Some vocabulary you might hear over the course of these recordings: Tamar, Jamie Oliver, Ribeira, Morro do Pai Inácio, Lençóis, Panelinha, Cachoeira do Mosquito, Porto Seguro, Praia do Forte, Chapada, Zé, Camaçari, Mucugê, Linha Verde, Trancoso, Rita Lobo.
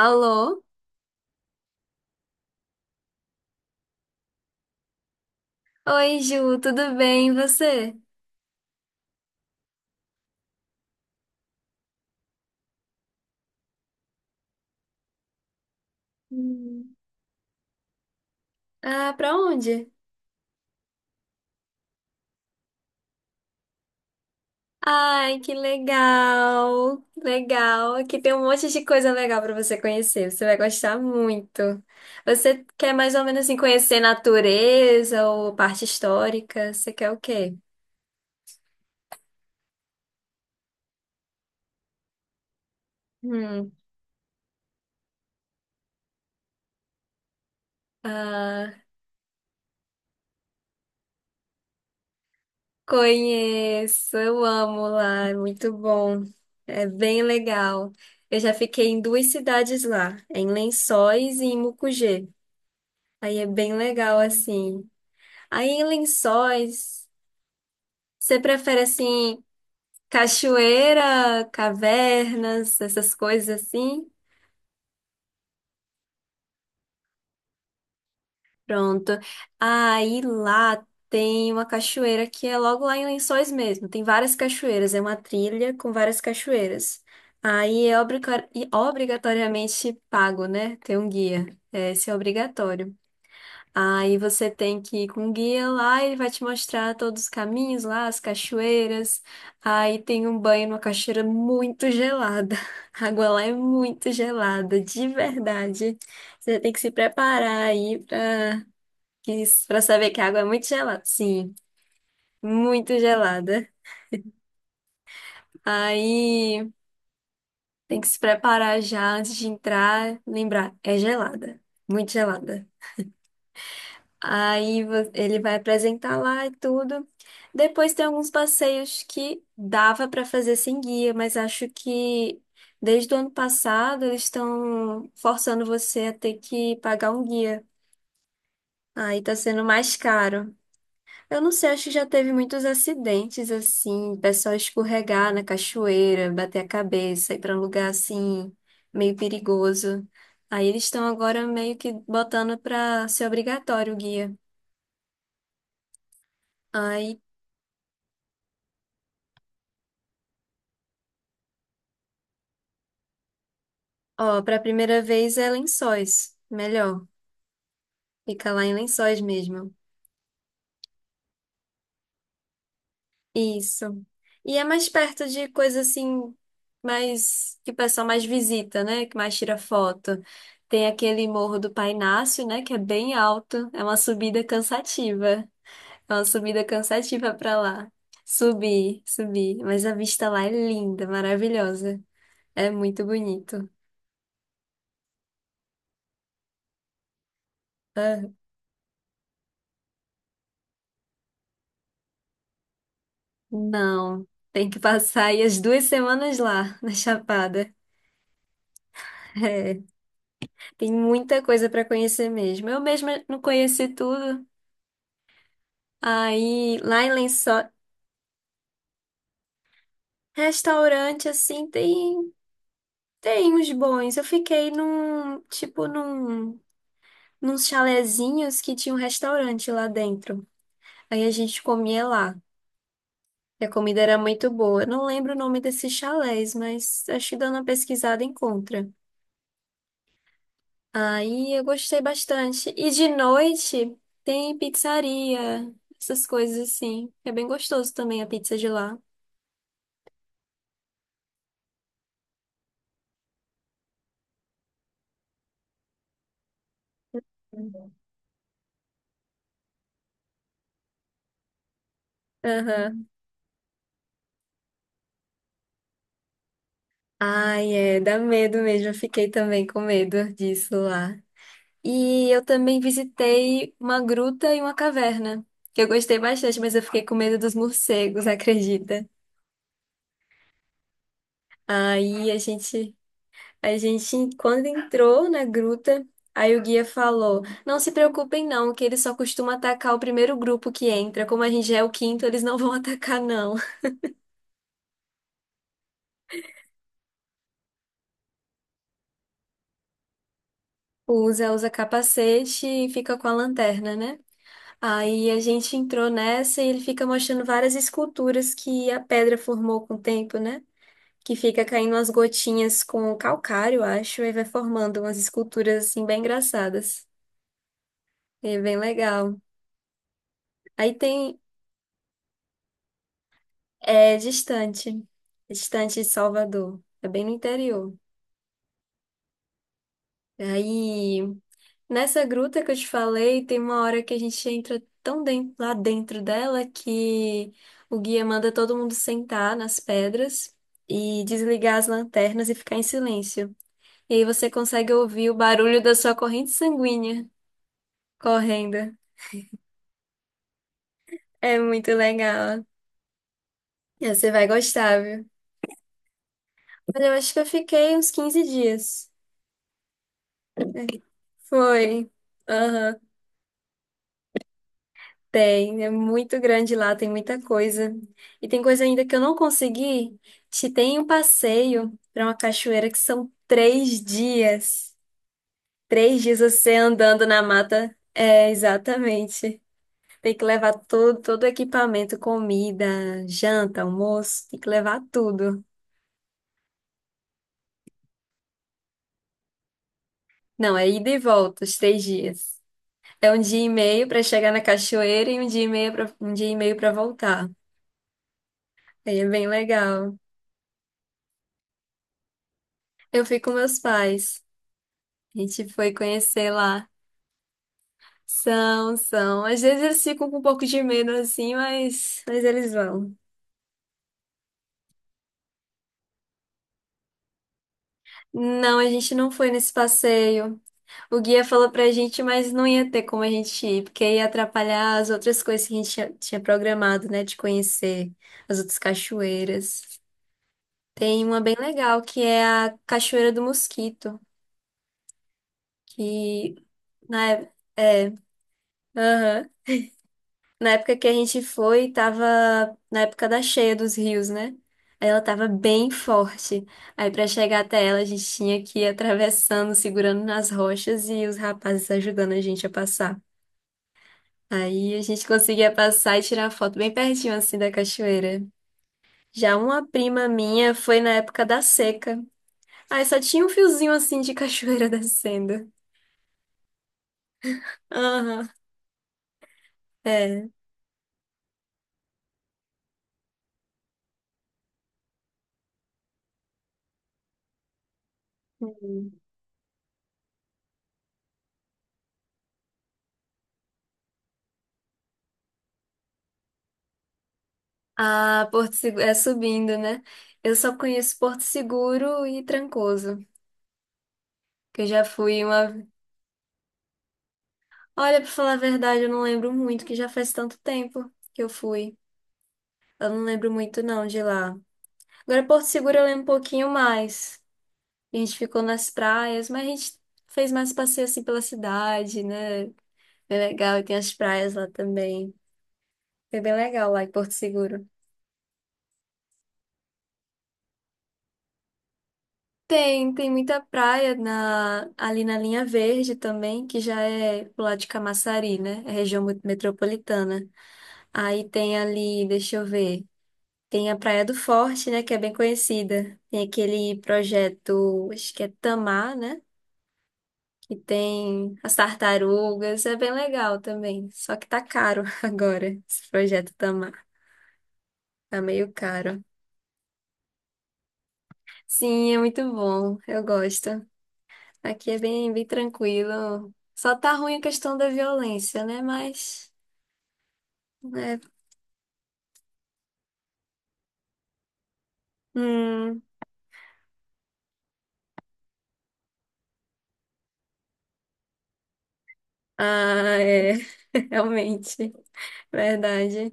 Alô? Oi, Ju, tudo bem? E você? Hum. Ah, pra onde? Ai, que legal! Legal! Aqui tem um monte de coisa legal pra você conhecer. Você vai gostar muito. Você quer mais ou menos assim, conhecer natureza ou parte histórica? Você quer o quê? Hum, ah, conheço, eu amo lá, é muito bom. É bem legal. Eu já fiquei em duas cidades lá, em Lençóis e em Mucugê. Aí é bem legal, assim. Aí em Lençóis, você prefere, assim, cachoeira, cavernas, essas coisas assim? Pronto. Aí lá tem uma cachoeira que é logo lá em Lençóis mesmo. Tem várias cachoeiras, é uma trilha com várias cachoeiras. Aí é obrigatoriamente pago, né? Tem um guia. É, esse é obrigatório. Aí você tem que ir com um guia lá, ele vai te mostrar todos os caminhos lá, as cachoeiras. Aí tem um banho numa cachoeira muito gelada. A água lá é muito gelada, de verdade. Você tem que se preparar aí pra, que- pra saber que a água é muito gelada. Sim, muito gelada. Aí tem que se preparar já antes de entrar, lembrar, é gelada, muito gelada. Aí ele vai apresentar lá e tudo. Depois tem alguns passeios que dava para fazer sem guia, mas acho que desde o ano passado eles estão forçando você a ter que pagar um guia. Aí tá sendo mais caro. Eu não sei, acho que já teve muitos acidentes assim, pessoal escorregar na cachoeira, bater a cabeça, ir para um lugar assim meio perigoso. Aí eles estão agora meio que botando para ser obrigatório o guia. Aí ó, para a primeira vez é Lençóis, melhor. Fica lá em Lençóis mesmo. Isso. E é mais perto de coisa assim, mais que o pessoal mais visita, né? Que mais tira foto. Tem aquele Morro do Pai Inácio, né? Que é bem alto. É uma subida cansativa. É uma subida cansativa para lá. Subir, subir. Mas a vista lá é linda, maravilhosa. É muito bonito. Ah, não. Tem que passar aí as 2 semanas lá, na Chapada. É, tem muita coisa para conhecer mesmo. Eu mesma não conheci tudo. Aí, lá em Lençóis, restaurante assim, tem uns bons. Eu fiquei num, tipo num nos chalezinhos que tinha um restaurante lá dentro. Aí a gente comia lá. E a comida era muito boa. Eu não lembro o nome desses chalés, mas acho que dando uma pesquisada encontra. Aí eu gostei bastante. E de noite tem pizzaria, essas coisas assim. É bem gostoso também a pizza de lá. Aham. Ai, é, dá medo mesmo. Eu fiquei também com medo disso lá. E eu também visitei uma gruta e uma caverna, que eu gostei bastante, mas eu fiquei com medo dos morcegos, acredita? Aí a gente A gente, quando entrou na gruta, aí o guia falou: Não se preocupem, não, que eles só costumam atacar o primeiro grupo que entra. Como a gente já é o quinto, eles não vão atacar, não. O Zé usa capacete e fica com a lanterna, né? Aí a gente entrou nessa e ele fica mostrando várias esculturas que a pedra formou com o tempo, né? Que fica caindo umas gotinhas com calcário, acho, e vai formando umas esculturas assim bem engraçadas. É bem legal. Aí tem É distante, é distante de Salvador, é bem no interior. Aí, nessa gruta que eu te falei, tem uma hora que a gente entra tão dentro, lá dentro dela que o guia manda todo mundo sentar nas pedras e desligar as lanternas e ficar em silêncio. E aí você consegue ouvir o barulho da sua corrente sanguínea correndo. É muito legal. Você vai gostar, viu? Olha, eu acho que eu fiquei uns 15 dias. É. Foi. Aham. Tem, é muito grande lá, tem muita coisa. E tem coisa ainda que eu não consegui. Te tem um passeio para uma cachoeira que são 3 dias. 3 dias você andando na mata. É, exatamente. Tem que levar todo o equipamento, comida, janta, almoço, tem que levar tudo. Não, é ida e volta, os 3 dias. É um dia e meio para chegar na cachoeira e um dia e meio para um dia e meio para voltar. Aí é bem legal. Eu fui com meus pais. A gente foi conhecer lá. São, são. Às vezes eles ficam com um pouco de medo assim, mas eles vão. Não, a gente não foi nesse passeio. O guia falou pra gente, mas não ia ter como a gente ir, porque ia atrapalhar as outras coisas que a gente tinha programado, né, de conhecer as outras cachoeiras. Tem uma bem legal que é a Cachoeira do Mosquito, que na é, é, aham. Na época que a gente foi, tava na época da cheia dos rios, né? Aí ela tava bem forte. Aí pra chegar até ela, a gente tinha que ir atravessando, segurando nas rochas e os rapazes ajudando a gente a passar. Aí a gente conseguia passar e tirar foto bem pertinho assim da cachoeira. Já uma prima minha foi na época da seca. Aí só tinha um fiozinho assim de cachoeira descendo. Aham, é. Ah, Porto Seguro é subindo, né? Eu só conheço Porto Seguro e Trancoso, que eu já fui uma. Olha, pra falar a verdade, eu não lembro muito, que já faz tanto tempo que eu fui. Eu não lembro muito não de lá. Agora Porto Seguro eu lembro um pouquinho mais. A gente ficou nas praias, mas a gente fez mais passeio assim pela cidade, né? Bem legal, e tem as praias lá também. Foi bem legal lá em Porto Seguro. Tem muita praia ali na Linha Verde também, que já é pro lado de Camaçari, né? É região metropolitana. Aí tem ali, deixa eu ver, tem a Praia do Forte, né? Que é bem conhecida. Tem aquele projeto, acho que é Tamar, né? Que tem as tartarugas, é bem legal também. Só que tá caro agora, esse projeto Tamar. Tá meio caro. Sim, é muito bom, eu gosto. Aqui é bem, bem tranquilo. Só tá ruim a questão da violência, né? Mas, né? Hum, ah, é. Realmente, verdade.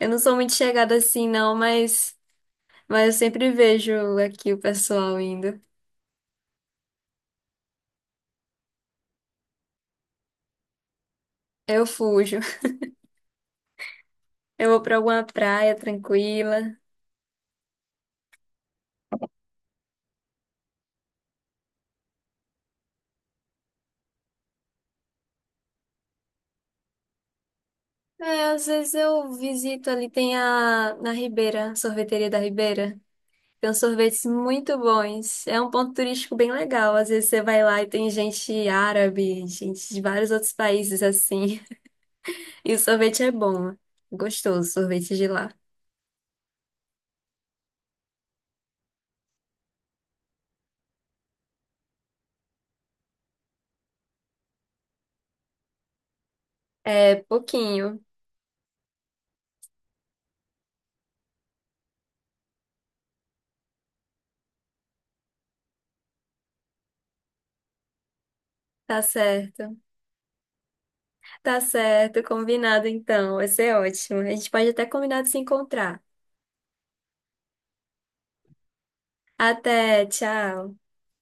Eu não sou muito chegada assim, não, mas eu sempre vejo aqui o pessoal indo. Eu fujo. Eu vou pra alguma praia tranquila. É, às vezes eu visito ali, tem a na Ribeira, sorveteria da Ribeira. Tem uns sorvetes muito bons. É um ponto turístico bem legal. Às vezes você vai lá e tem gente árabe, gente de vários outros países assim. E o sorvete é bom. Gostoso, o sorvete de lá. É pouquinho. Tá certo. Tá certo, combinado então. Vai ser ótimo. A gente pode até combinar de se encontrar. Até, tchau.